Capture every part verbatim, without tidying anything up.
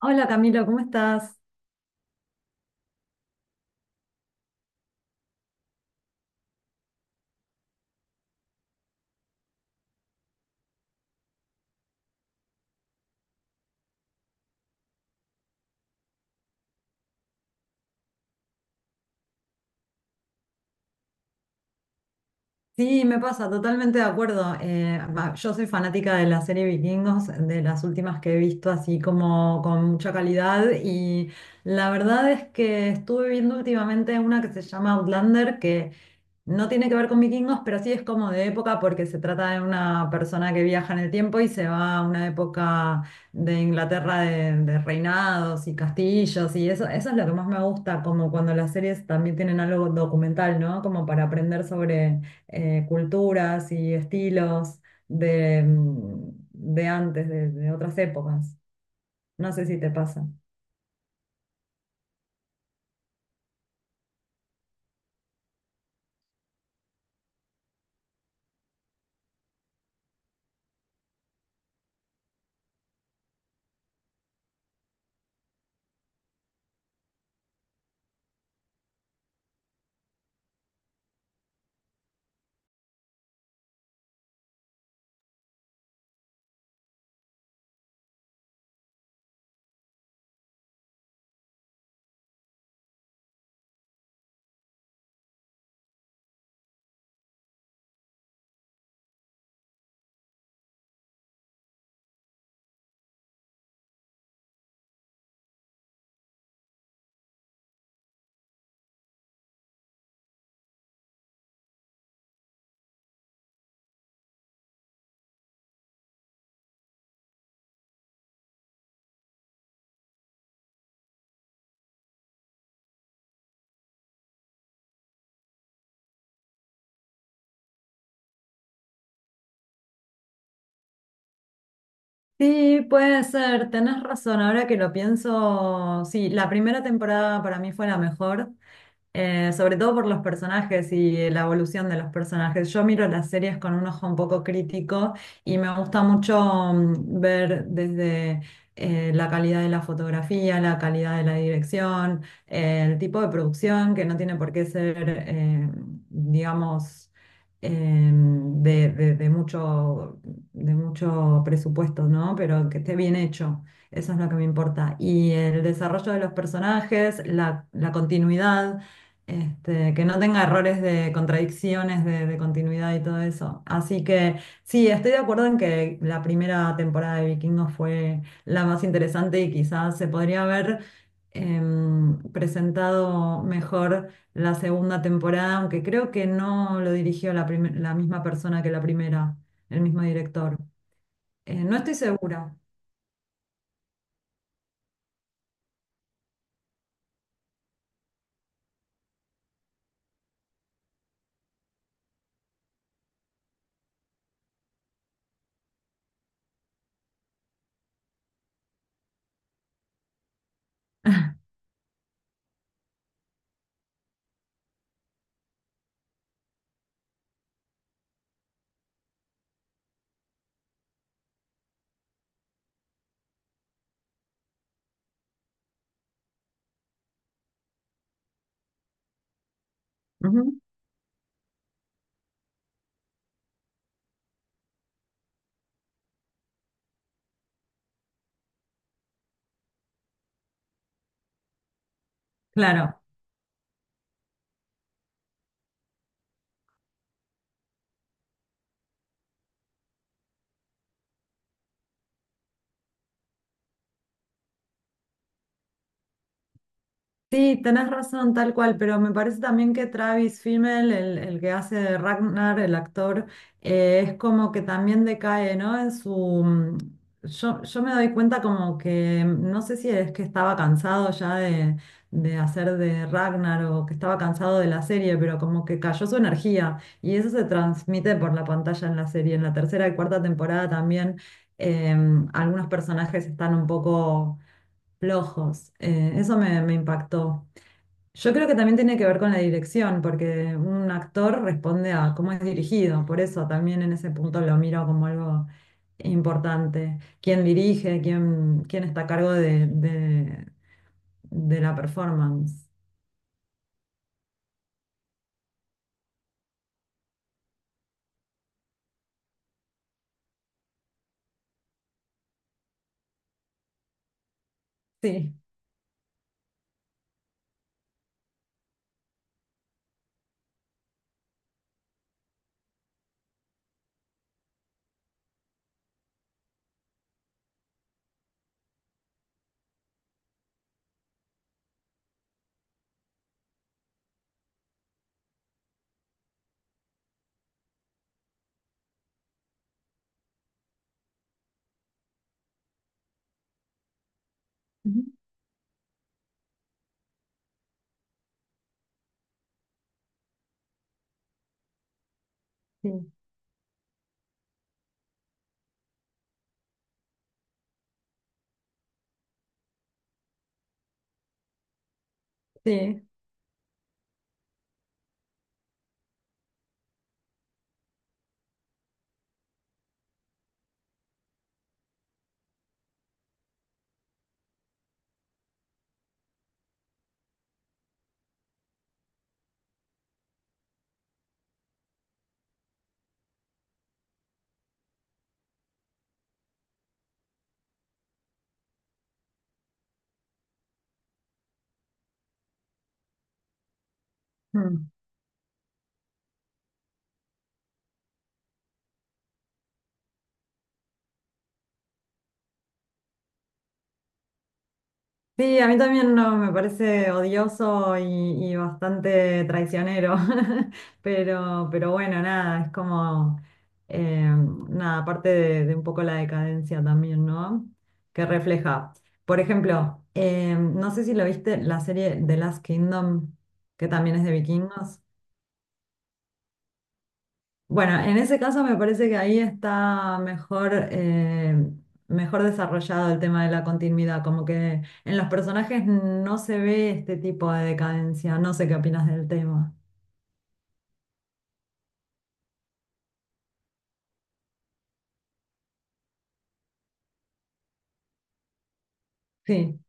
Hola Camilo, ¿cómo estás? Sí, me pasa, totalmente de acuerdo. Eh, va, yo soy fanática de la serie Vikingos, de las últimas que he visto así como con mucha calidad y la verdad es que estuve viendo últimamente una que se llama Outlander, que no tiene que ver con vikingos, pero sí es como de época porque se trata de una persona que viaja en el tiempo y se va a una época de Inglaterra de, de reinados y castillos y eso, eso es lo que más me gusta, como cuando las series también tienen algo documental, ¿no? Como para aprender sobre eh, culturas y estilos de, mm, de antes, de de otras épocas. No sé si te pasa. Sí, puede ser, tenés razón, ahora que lo pienso, sí, la primera temporada para mí fue la mejor, eh, sobre todo por los personajes y la evolución de los personajes. Yo miro las series con un ojo un poco crítico y me gusta mucho, mm, ver desde eh, la calidad de la fotografía, la calidad de la dirección, eh, el tipo de producción, que no tiene por qué ser, eh, digamos, eh, de, de de mucho de mucho presupuesto, ¿no? Pero que esté bien hecho, eso es lo que me importa. Y el desarrollo de los personajes, la, la continuidad, este, que no tenga errores de contradicciones de, de continuidad y todo eso. Así que sí, estoy de acuerdo en que la primera temporada de Vikingos fue la más interesante y quizás se podría haber... em, presentado mejor la segunda temporada, aunque creo que no lo dirigió la, prim- la misma persona que la primera, el mismo director. Eh, no estoy segura. Ujú. Claro. Sí, tenés razón, tal cual, pero me parece también que Travis Fimmel, el, el que hace de Ragnar, el actor, eh, es como que también decae, ¿no? En su... mm, Yo, yo me doy cuenta como que, mm, no sé si es que estaba cansado ya de, de hacer de Ragnar o que estaba cansado de la serie, pero como que cayó su energía y eso se transmite por la pantalla en la serie. En la tercera y cuarta temporada también em, algunos personajes están un poco flojos. Eh, eso me me impactó. Yo creo que también tiene que ver con la dirección, porque un actor responde a cómo es dirigido, por eso también en ese punto lo miro como algo importante. ¿Quién dirige? ¿Quién, ¿quién está a cargo de, de- de la performance? Sí. Ujú. Sí, sí. Mm. Sí, a mí también no, me parece odioso y, y bastante traicionero, pero, pero bueno, nada, es como, eh, nada, parte de, de un poco la decadencia también, ¿no? Que refleja. Por ejemplo, eh, no sé si lo viste, la serie The Last Kingdom, que también es de vikingos. Bueno, en ese caso me parece que ahí está mejor, eh, mejor desarrollado el tema de la continuidad, como que en los personajes no se ve este tipo de decadencia. No sé qué opinas del tema. Sí,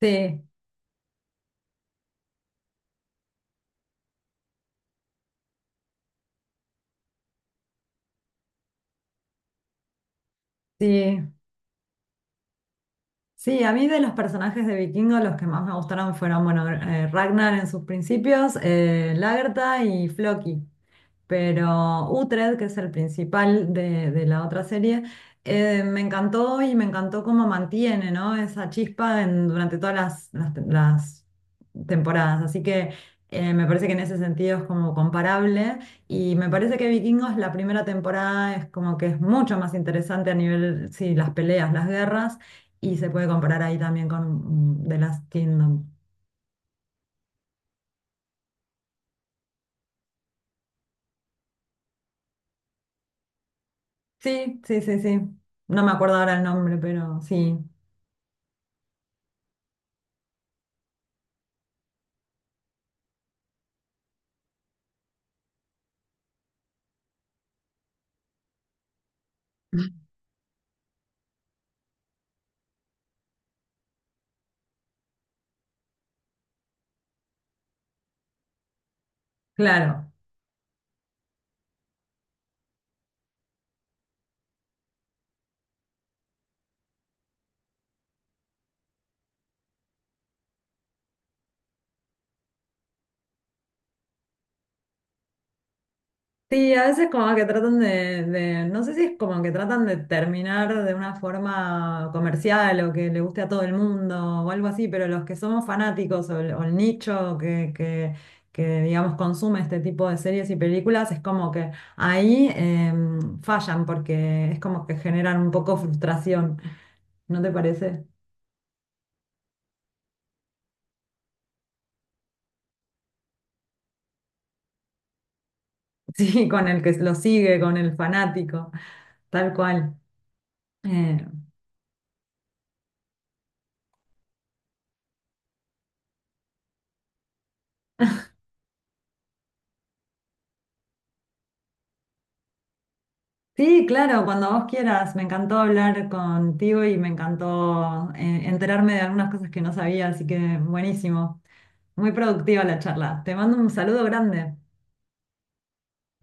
sí, sí. Sí, a mí de los personajes de Vikingo los que más me gustaron fueron, bueno, eh, Ragnar en sus principios, eh, Lagertha y Floki. Pero Utred, que es el principal de, de la otra serie, eh, me encantó y me encantó cómo mantiene, ¿no? esa chispa en- durante todas las, las, te- las temporadas. Así que eh, me parece que en ese sentido es como comparable y me parece que Vikingos la primera temporada es como que es mucho más interesante a nivel, sí, las peleas, las guerras y se puede comparar ahí también con mm, The Last Kingdom. Sí, sí, sí, sí. No me acuerdo ahora el nombre, pero sí, claro. Sí, a veces como que tratan de, de- no sé si es como que tratan de terminar de una forma comercial o que le guste a todo el mundo o algo así, pero los que somos fanáticos o el, o el nicho que, que, que, digamos, consume este tipo de series y películas, es como que ahí em, fallan porque es como que generan un poco frustración, ¿no te parece? Sí, con el que lo sigue, con el fanático, tal cual. Eh, Sí, claro, cuando vos quieras. Me encantó hablar contigo y me encantó eh, enterarme de algunas cosas que no sabía, así que buenísimo. Muy productiva la charla. Te mando un saludo grande. Hasta